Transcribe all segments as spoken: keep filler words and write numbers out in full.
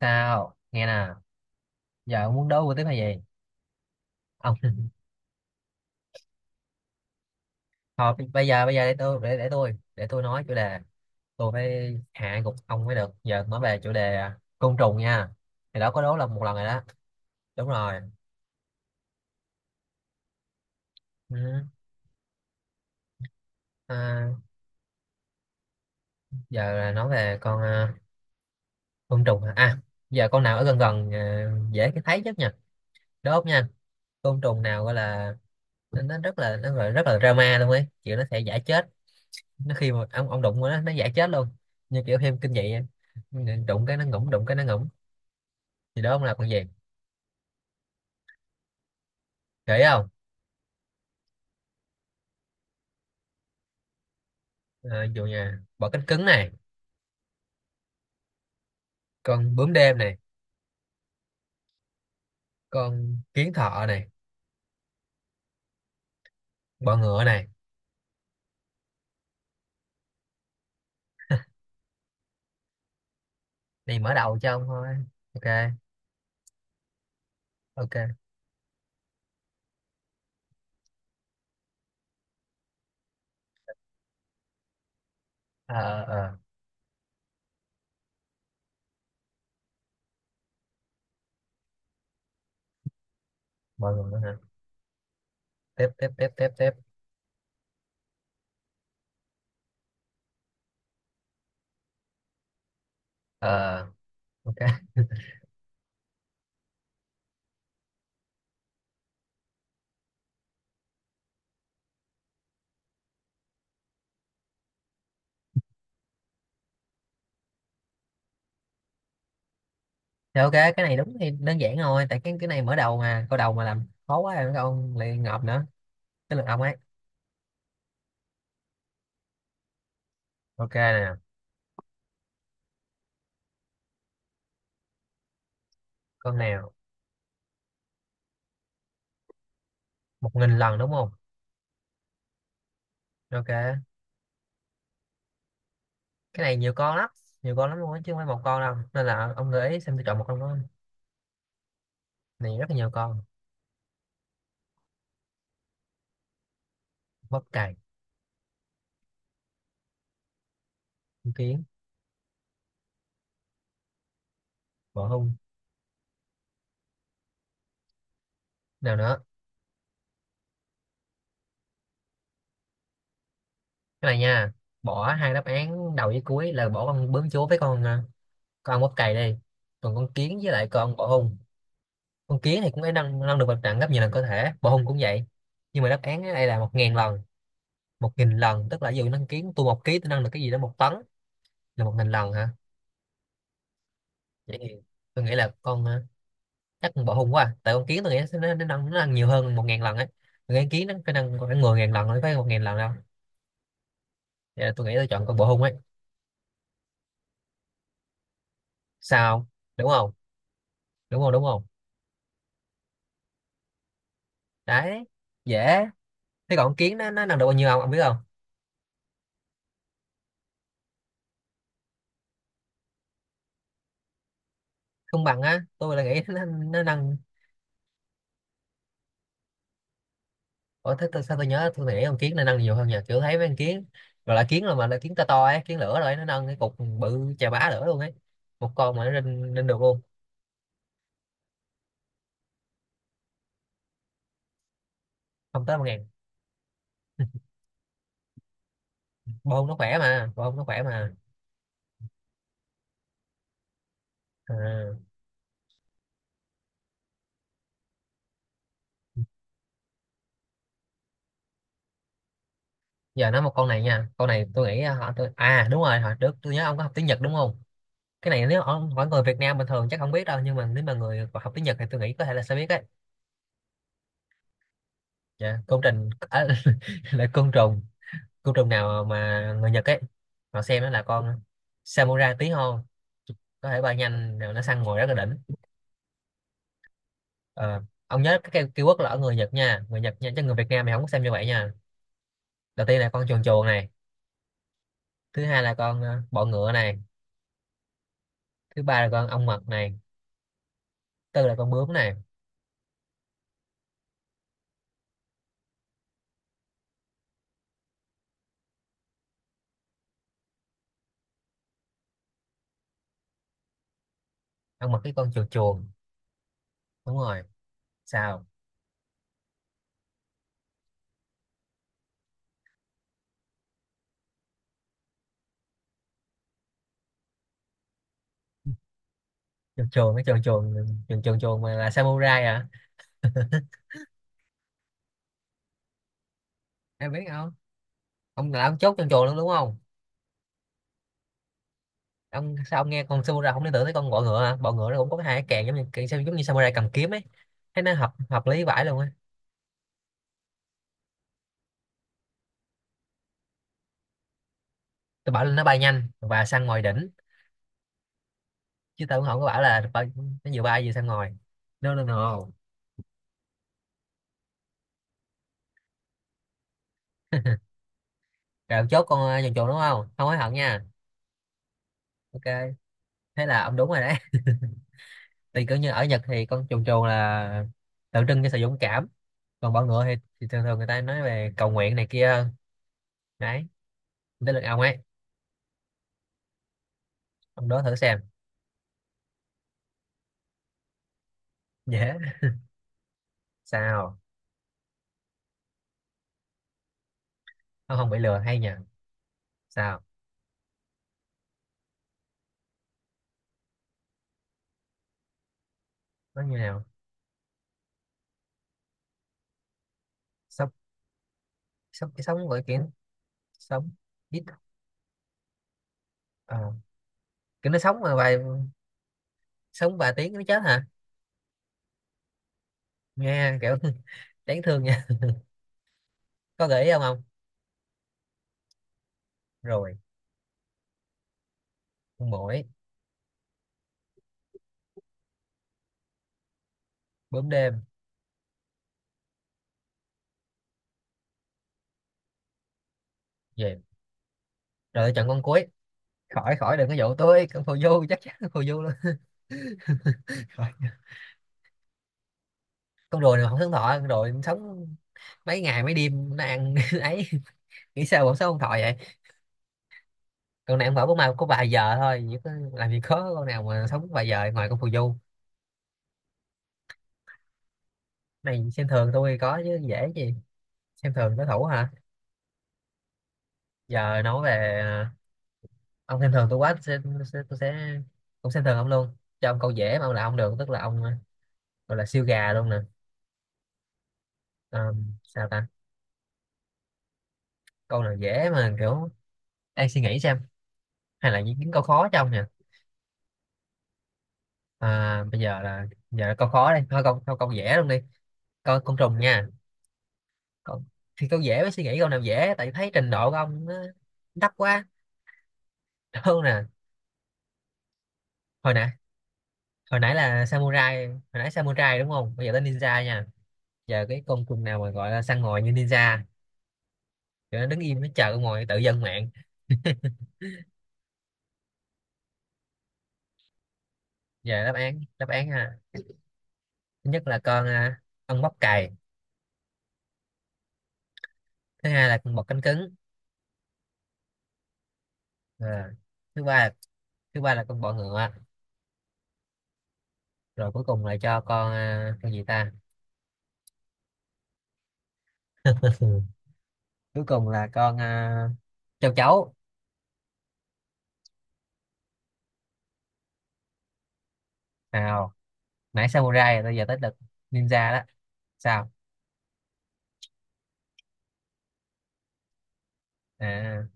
Sao nghe nè. Giờ ông muốn đấu với tiếp hay gì, ông? Thôi bây giờ bây giờ để tôi để để tôi để tôi nói chủ đề. Tôi phải hạ gục ông mới được. Giờ nói về chủ đề à, côn trùng nha. Thì đó có đố là một lần rồi đó. Đúng rồi. Ừ. À. Giờ là nói về con à, côn trùng hả? À. Giờ con nào ở gần gần à, dễ cái thấy nhất nha, đốt nha. Côn trùng nào gọi là nó nó rất là nó gọi rất là drama luôn ấy, kiểu nó sẽ giả chết. Nó khi mà ông ông đụng vào nó nó giả chết luôn, như kiểu phim kinh dị á. Đụng cái nó ngủm, đụng cái nó ngủm. Thì đó, ông làm con gì? Dễ không? À, dù nhà bọ cánh cứng này, con bướm đêm này, con kiến thợ này, bọ ngựa này. Này mở đầu cho ông thôi. OK. OK. Ờ ờ ờ. Bọ ngựa hả? Tiếp, tiếp, tiếp, tiếp, tiếp. Ờ. OK. Thì OK, cái này đúng thì đơn giản rồi, tại cái cái này mở đầu mà câu đầu mà làm khó quá rồi ông lại ngợp nữa. Cái lượt ông ấy. OK nè. Con nào? Một nghìn lần đúng không? OK. Cái này nhiều con lắm, nhiều con lắm luôn á, chứ không phải một con đâu, nên là ông gợi ý xem tôi chọn một con đó. Này rất là nhiều con. Bắp cày. Con kiến. Bọ hung. Nào nữa? Cái này nha. Bỏ hai đáp án đầu với cuối là bỏ con bướm chúa với con à, con bắp cày đi. Còn con kiến với lại con bọ hung. Con kiến thì cũng phải nâng nâng được vật trận gấp nhiều lần có thể, bọ hung cũng vậy. Nhưng mà đáp án ở đây là một ngàn lần, một nghìn lần, tức là ví dụ nâng kiến tôi một ký, tôi nâng được cái gì đó một tấn, là một nghìn lần hả? Vậy thì tôi nghĩ là con à, chắc con bọ hung quá à. Tại con kiến tôi nghĩ nó nó nâng, nó nâng nhiều hơn một ngàn lần ấy. Tôi nghĩ kiến nó phải nâng khoảng mười ngàn lần mới phải, một ngàn lần đâu. Vậy là tôi nghĩ tôi chọn con bọ hung ấy. Sao? Đúng không? Đúng không? Đúng không? Đấy. Dễ. Thế còn con kiến nó nó nâng được bao nhiêu không, ông biết không? Không bằng á, tôi là nghĩ nó, nó nâng. Ủa, thế tôi, sao tôi nhớ tôi nghĩ con kiến nó nâng nhiều hơn, nhờ kiểu thấy mấy con kiến rồi là kiến là mà là kiến to to ấy, kiến lửa rồi ấy, nó nâng cái cục bự chà bá lửa luôn ấy. Một con mà nó lên lên được luôn, không tới một ngàn. Bông nó khỏe mà, bông nó khỏe mà. À. Giờ nói một câu này nha, câu này tôi nghĩ à, họ tôi à, đúng rồi, hồi trước tôi nhớ ông có học tiếng Nhật đúng không? Cái này nếu ông hỏi người Việt Nam bình thường chắc không biết đâu, nhưng mà nếu mà người học tiếng Nhật thì tôi nghĩ có thể là sẽ biết đấy. Dạ, côn trùng à, là côn trùng. Côn trùng nào mà người Nhật ấy họ xem nó là con samurai tí hon, có thể bay nhanh rồi nó săn mồi rất là đỉnh. Ờ, ông nhớ cái cây keyword là ở người Nhật nha, người Nhật nha, chứ người Việt Nam thì không có xem như vậy nha. Đầu tiên là con chuồn chuồn này. Thứ hai là con ờ, bọ ngựa này. Thứ ba là con ong mật này. Tư là con bướm này. Ông mặc cái con chuồn chuồn. Đúng rồi. Sao? Chuồn chuồn cái chuồn chuồn. Chuồn chuồn chuồn mà là samurai à? Em biết không, ông là ông chốt chuồn chuồn luôn đúng không? Ông, sao ông nghe con samurai không liên tưởng tới con bọ ngựa hả? Bọ ngựa nó cũng có hai cái càng giống như cái- giống như samurai cầm kiếm ấy. Thế nó hợp hợp lý vãi luôn á. Tôi bảo là nó bay nhanh và săn ngồi đỉnh, chứ tôi cũng không có bảo là bay, nó vừa bay vừa săn ngồi. No, no, no. Rồi ông chốt con uh, chuồn chuồn đúng không, không hối hận nha? OK, thế là ông đúng rồi đấy. Thì kiểu như ở Nhật thì con chuồn chuồn là tượng trưng cho sự dũng cảm. Còn bọ ngựa thì, thì thường thường người ta nói về cầu nguyện này kia hơn. Đấy. Tới lượt ông ấy. Ông đó thử xem. Dễ. Sao? Ông không bị lừa hay nhờ? Sao? Nó như nào? Sống? Sống cái sống Gọi kiểu sống ít à, kiểu nó sống mà vài. Sống vài tiếng nó chết hả? Nghe kiểu đáng thương nha. Có gợi ý không ông? Rồi. Con muỗi. Bướm đêm. Gì rồi? Tôi chọn con cuối. Khỏi khỏi đừng có dụ tôi, con phù du, chắc chắn con phù du luôn. Khỏi. Con rùa này mà không sống thọ? Con rùa sống mấy ngày mấy đêm nó ăn ấy. Nghĩ sao bọn sống không thọ vậy? Con này ăn phở bún mai có vài giờ thôi, chứ có làm gì có con nào mà sống vài giờ ngoài con phù du. Này xem thường tôi có chứ, dễ gì. Xem thường đối thủ hả? Giờ nói về à, ông xem thường tôi quá, tôi sẽ, tôi sẽ, tôi sẽ cũng xem thường ông luôn, cho ông câu dễ mà ông là ông được, tức là ông à, gọi là siêu gà luôn nè. Ờ, sao ta? Câu nào dễ mà kiểu đang suy nghĩ xem, hay là những những câu khó cho ông nhỉ? À, bây giờ là giờ là câu khó đây thôi. Câu câu câu dễ luôn đi. Câu con trùng nha. Câu, thì câu dễ mới suy nghĩ câu nào dễ, tại thấy trình độ của ông nó thấp quá. Đâu nè. Hồi nãy hồi nãy là samurai, hồi nãy samurai đúng không? Bây giờ tới ninja nha. Giờ cái con trùng nào mà gọi là săn mồi như ninja, kiểu nó đứng im nó chờ con mồi tự dân mạng. Giờ đáp án, đáp án ha. Thứ nhất là con à, ong bắp cày. Thứ hai là con bọ cánh cứng. à, thứ ba thứ ba là con bọ ngựa. Rồi cuối cùng là cho con à, con gì ta? Cuối cùng là con à, châu chấu. Nào? Nãy samurai rồi giờ tới lượt ninja đó. Sao? à,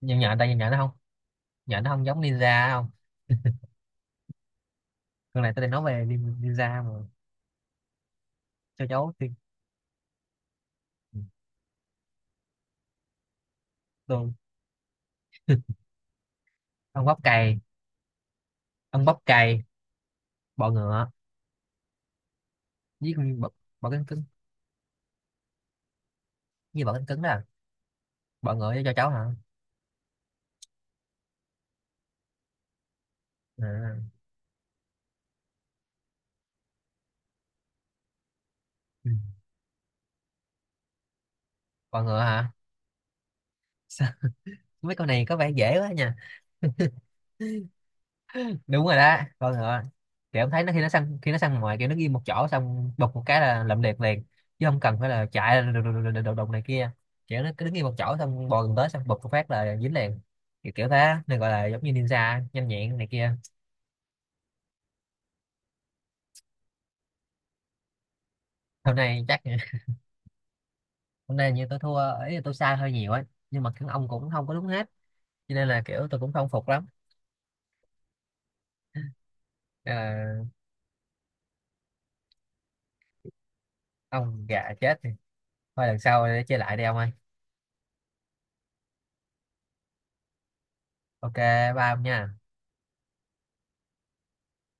nhưng nhện, tại nhìn nhện nó không. Nhện nó không giống ninja không? Con này tôi đang nói về nin- ninja mà. Châu chấu thì. Ừ, tôi. Ông bóp cày. Ông bóp cày. Bọ ngựa với con bọ, bọ cánh cứng. Như bọ cánh cứng đó à? Bọ ngựa với châu chấu hả? À. Ừ. Bọ ngựa hả? Sao? Mấy con này có vẻ dễ quá nha. Đúng rồi đó, con ngựa. Thì ông thấy nó khi nó săn, khi nó săn ngoài kiểu nó ghi một chỗ xong đục một cái là lậm liệt liền, chứ không cần phải là chạy đùng đùng này kia. Kiểu nó cứ đứng ghi một chỗ xong bò gần tới xong bụp một phát là dính liền, kiểu, kiểu thế nên gọi là giống như ninja nhanh nhẹn này kia. Hôm nay chắc hôm nay như tôi thua ấy, là tôi sai hơi nhiều ấy. Nhưng mà các ông cũng không có đúng hết, cho nên là kiểu tôi cũng không phục lắm. Nên là ông gà chết thì thôi, lần sau để chơi lại đi ông ơi. OK. Ba ông nha.